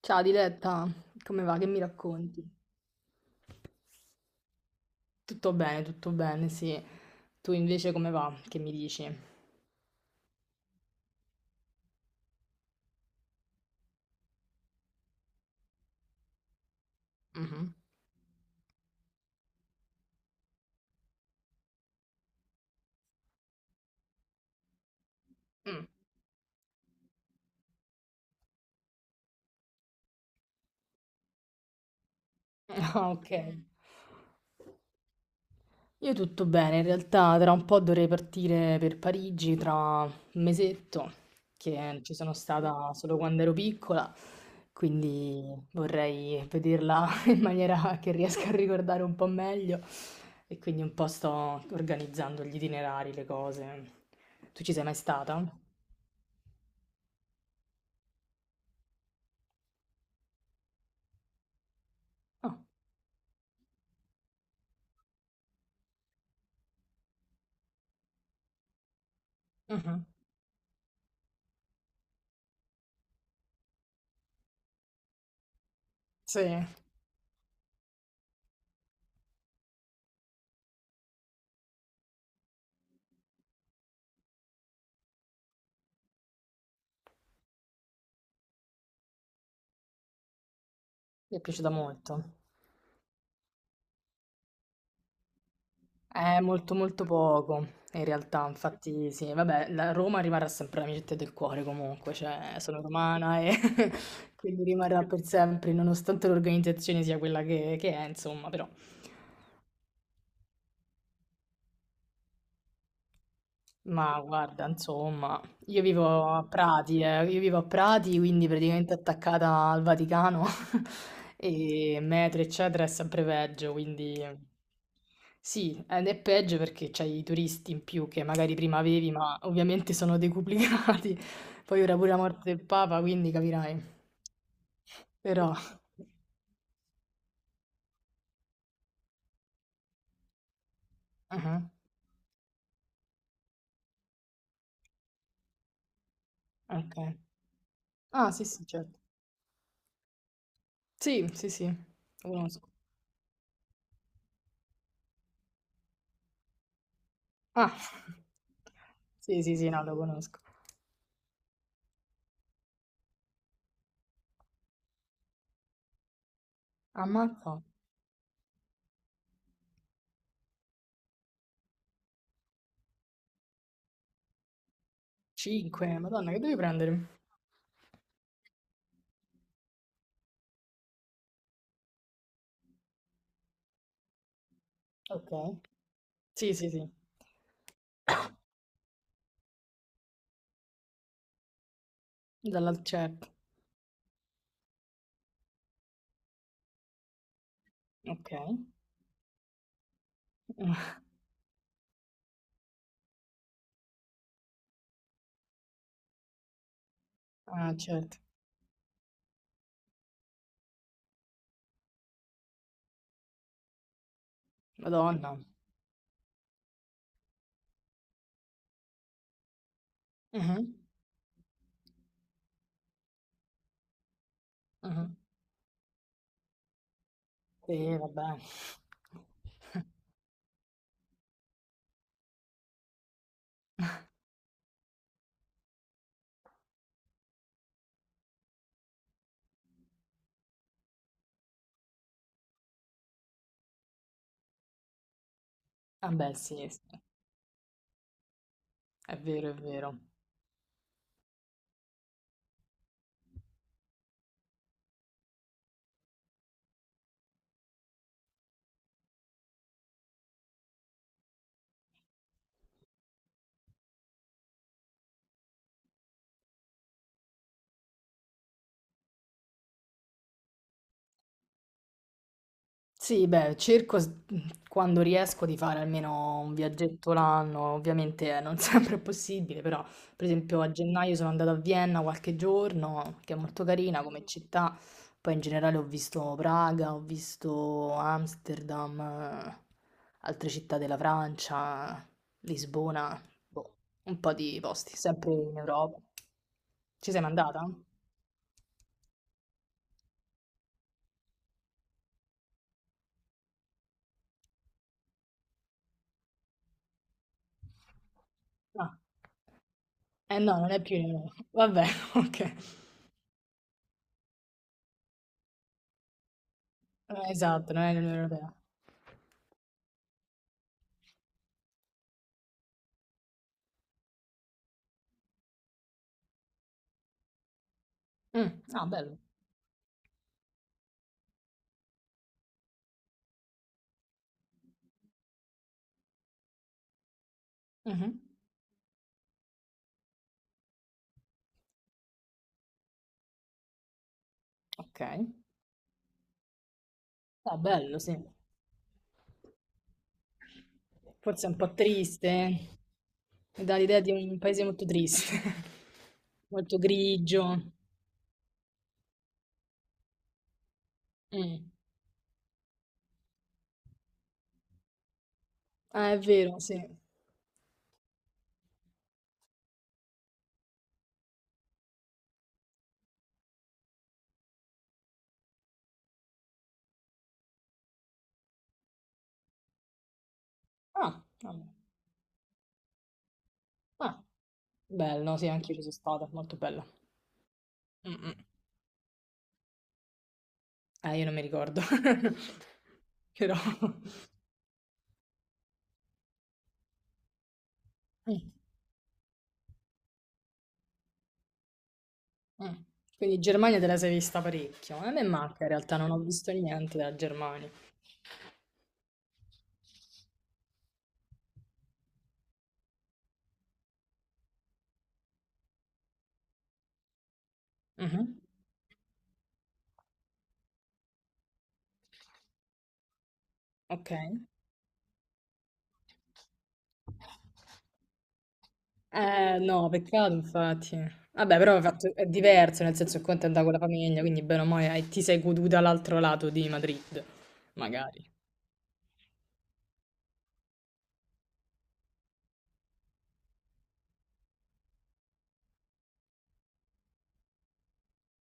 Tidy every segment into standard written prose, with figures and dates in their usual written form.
Ciao Diletta, come va? Che mi racconti? Tutto bene, sì. Tu invece come va? Che mi dici? Mhm. Mm. Ah, ok. Io tutto bene, in realtà tra un po' dovrei partire per Parigi tra un mesetto, che ci sono stata solo quando ero piccola, quindi vorrei vederla in maniera che riesca a ricordare un po' meglio e quindi un po' sto organizzando gli itinerari, le cose. Tu ci sei mai stata? Ah. Mhm. Sì, mi è piaciuta molto. È molto molto poco, in realtà, infatti sì, vabbè, la Roma rimarrà sempre la mia città del cuore comunque, cioè sono romana e quindi rimarrà per sempre, nonostante l'organizzazione sia quella che è, insomma, però ma guarda, insomma, io vivo a Prati, io vivo a Prati, quindi praticamente attaccata al Vaticano e metro, eccetera, è sempre peggio, quindi sì, ed è peggio perché c'hai i turisti in più che magari prima avevi, ma ovviamente sono decuplicati, poi ora pure la morte del Papa, quindi capirai. Però, ah, ok. Ah, sì, sì, certo. Sì, sì, sì, lo conosco. Ah, sì, sì, sì, no, lo conosco. Ammazza. 5. Madonna, che devi prendere? Ok. Sì, sì, sì. Dalla certo. Ok. Ah, certo. Madonna. Mhm, mhm. Sì, vabbè. Vabbè, sì, sì. È vero, è vero. Sì, beh, quando riesco di fare almeno un viaggetto l'anno, ovviamente non sempre è possibile, però per esempio a gennaio sono andata a Vienna qualche giorno, che è molto carina come città, poi in generale ho visto Praga, ho visto Amsterdam, altre città della Francia, Lisbona, boh, un po' di posti, sempre in Europa. Ci sei mai andata? Ah, eh no, non è più in Europa. Vabbè, ok. Esatto, non è l'Unione Europea. Ah bello. Mh-mh. Okay. Ah bello, sì. Forse è un po' triste, eh. Mi dà l'idea di un paese molto triste, molto grigio. Mh. Ah, è vero, sì. Ah, vabbè. Ah, bello, sì, anch'io ci so' stata, molto bella. Mh-mh. Io non mi ricordo. Però mh, mh. Quindi Germania te la sei vista parecchio. A me manca in realtà, non ho visto niente della Germania. Mh-mh. Okay. No, peccato infatti. Vabbè, però è è diverso, nel senso che conto è andata con la famiglia, quindi bene o male ti sei goduta l'altro lato di Madrid, magari.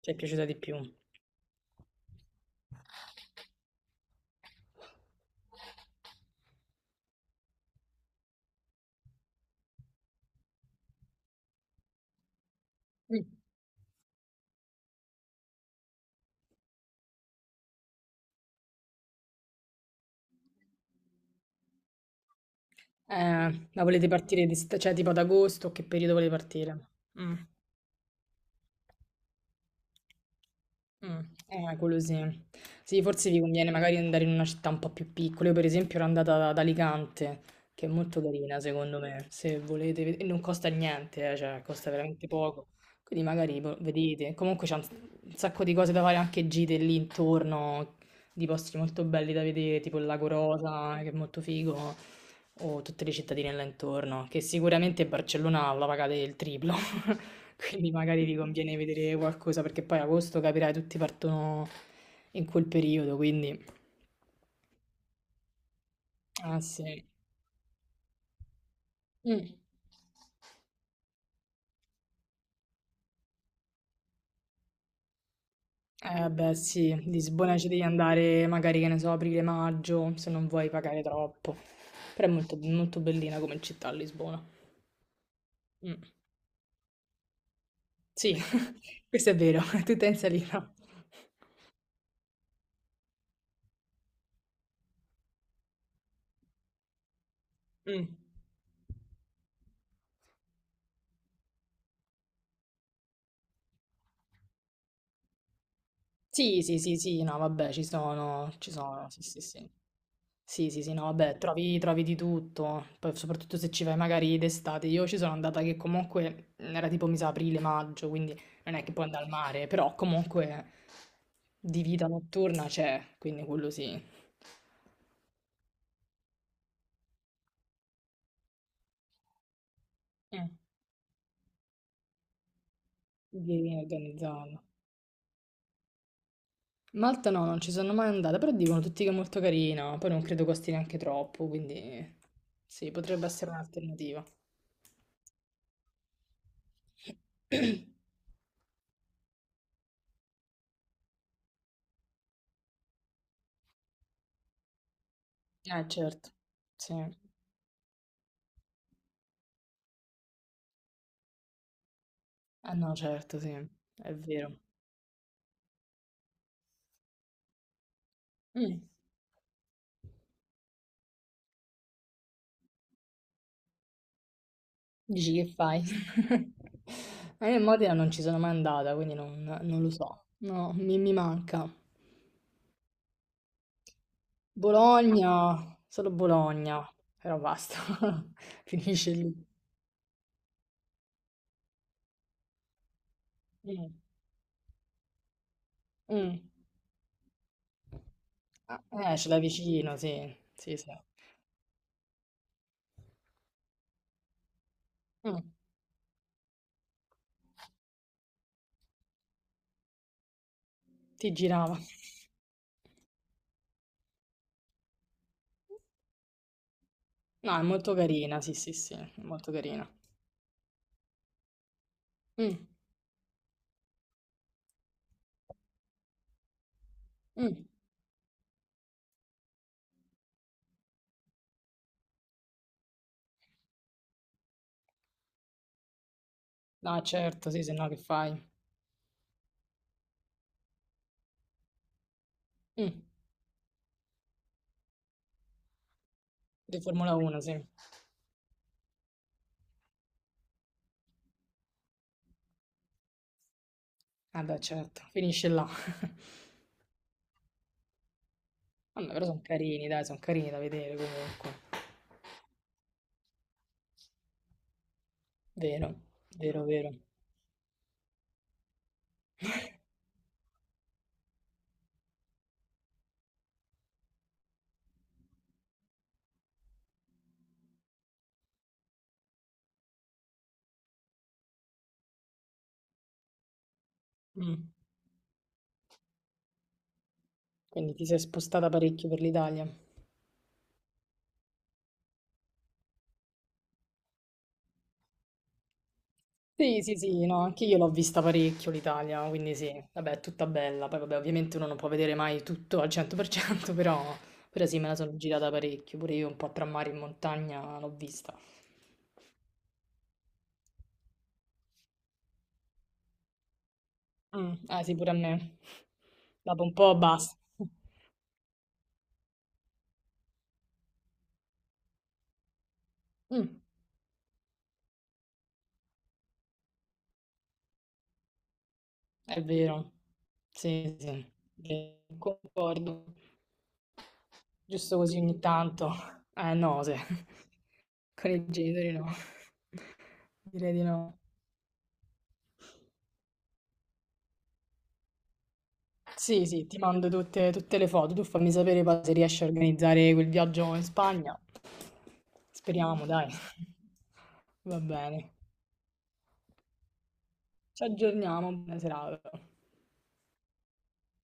Ci è piaciuta di più. Mm. Ma volete partire, di, cioè tipo ad agosto, che periodo volete partire? Mm. Mm, quello sì. Sì, forse vi conviene magari andare in una città un po' più piccola. Io per esempio ero andata ad Alicante, che è molto carina secondo me, se volete, e non costa niente, cioè costa veramente poco. Quindi magari boh, vedete, comunque c'è un sacco di cose da fare, anche gite lì intorno, di posti molto belli da vedere, tipo il Lago Rosa, che è molto figo o tutte le cittadine là intorno, che sicuramente Barcellona la pagate il triplo, quindi magari vi conviene vedere qualcosa, perché poi agosto capirai, tutti partono in quel periodo, quindi... Ah sì. Mm. Eh beh sì, Lisbona ci devi andare magari, che ne so, aprile-maggio, se non vuoi pagare troppo, però è molto, molto bellina come città Lisbona. Mm. Sì, questo è vero, è tutta in salita. Mm. Sì, sì, sì, sì, no, vabbè, ci sono, sì, sì, sì. Sì, sì, sì, no, vabbè, trovi, trovi di tutto, poi soprattutto se ci vai magari d'estate. Io ci sono andata che comunque mhmm, era tipo, mi sa, aprile-maggio, quindi non è che puoi andare al mare, però comunque di vita notturna c'è, quindi quello sì. Eh, vieni organizzata. Malta no, non ci sono mai andata, però dicono tutti che è molto carina, poi non credo costi neanche troppo, quindi sì, potrebbe essere un'alternativa. Certo, sì. Ah no, certo, sì, è vero. Mm. Dici che fai? Ma io in Modena non ci sono mai andata, quindi non lo so. No, mi manca. Bologna, solo Bologna, però basta, finisce lì. Mm, mm. Ah, eh, ce l'hai vicino, sì, sì, sì. Mm, ti girava. No, è molto carina, sì, sì, sì, è molto carina. Mm, mm. No, certo, sì, se no che fai? Mm. Di Formula 1, sì. Vabbè, certo, finisce là. Vabbè, però sono carini, dai, sono carini da vedere comunque. Vero, vero, vero. Mm. Quindi ti sei spostata parecchio per l'Italia. Sì, sì, sì, no, anche io l'ho vista parecchio l'Italia, quindi sì, vabbè, è tutta bella. Poi vabbè, ovviamente uno non può vedere mai tutto al 100%, però, però sì, me la sono girata parecchio, pure io un po' tra mare e montagna l'ho vista. Mm, ah sì, pure a me. Dopo un po' basta. Mm, è vero. Sì, sì, sì, concordo. Giusto così ogni tanto. Eh no, se- con i genitori no. Direi di no. Sì, sì, ti mando tutte, tutte le foto. Tu fammi sapere poi se riesci a organizzare quel viaggio in Spagna. Speriamo, dai. Va bene. Ci aggiorniamo. Buona serata.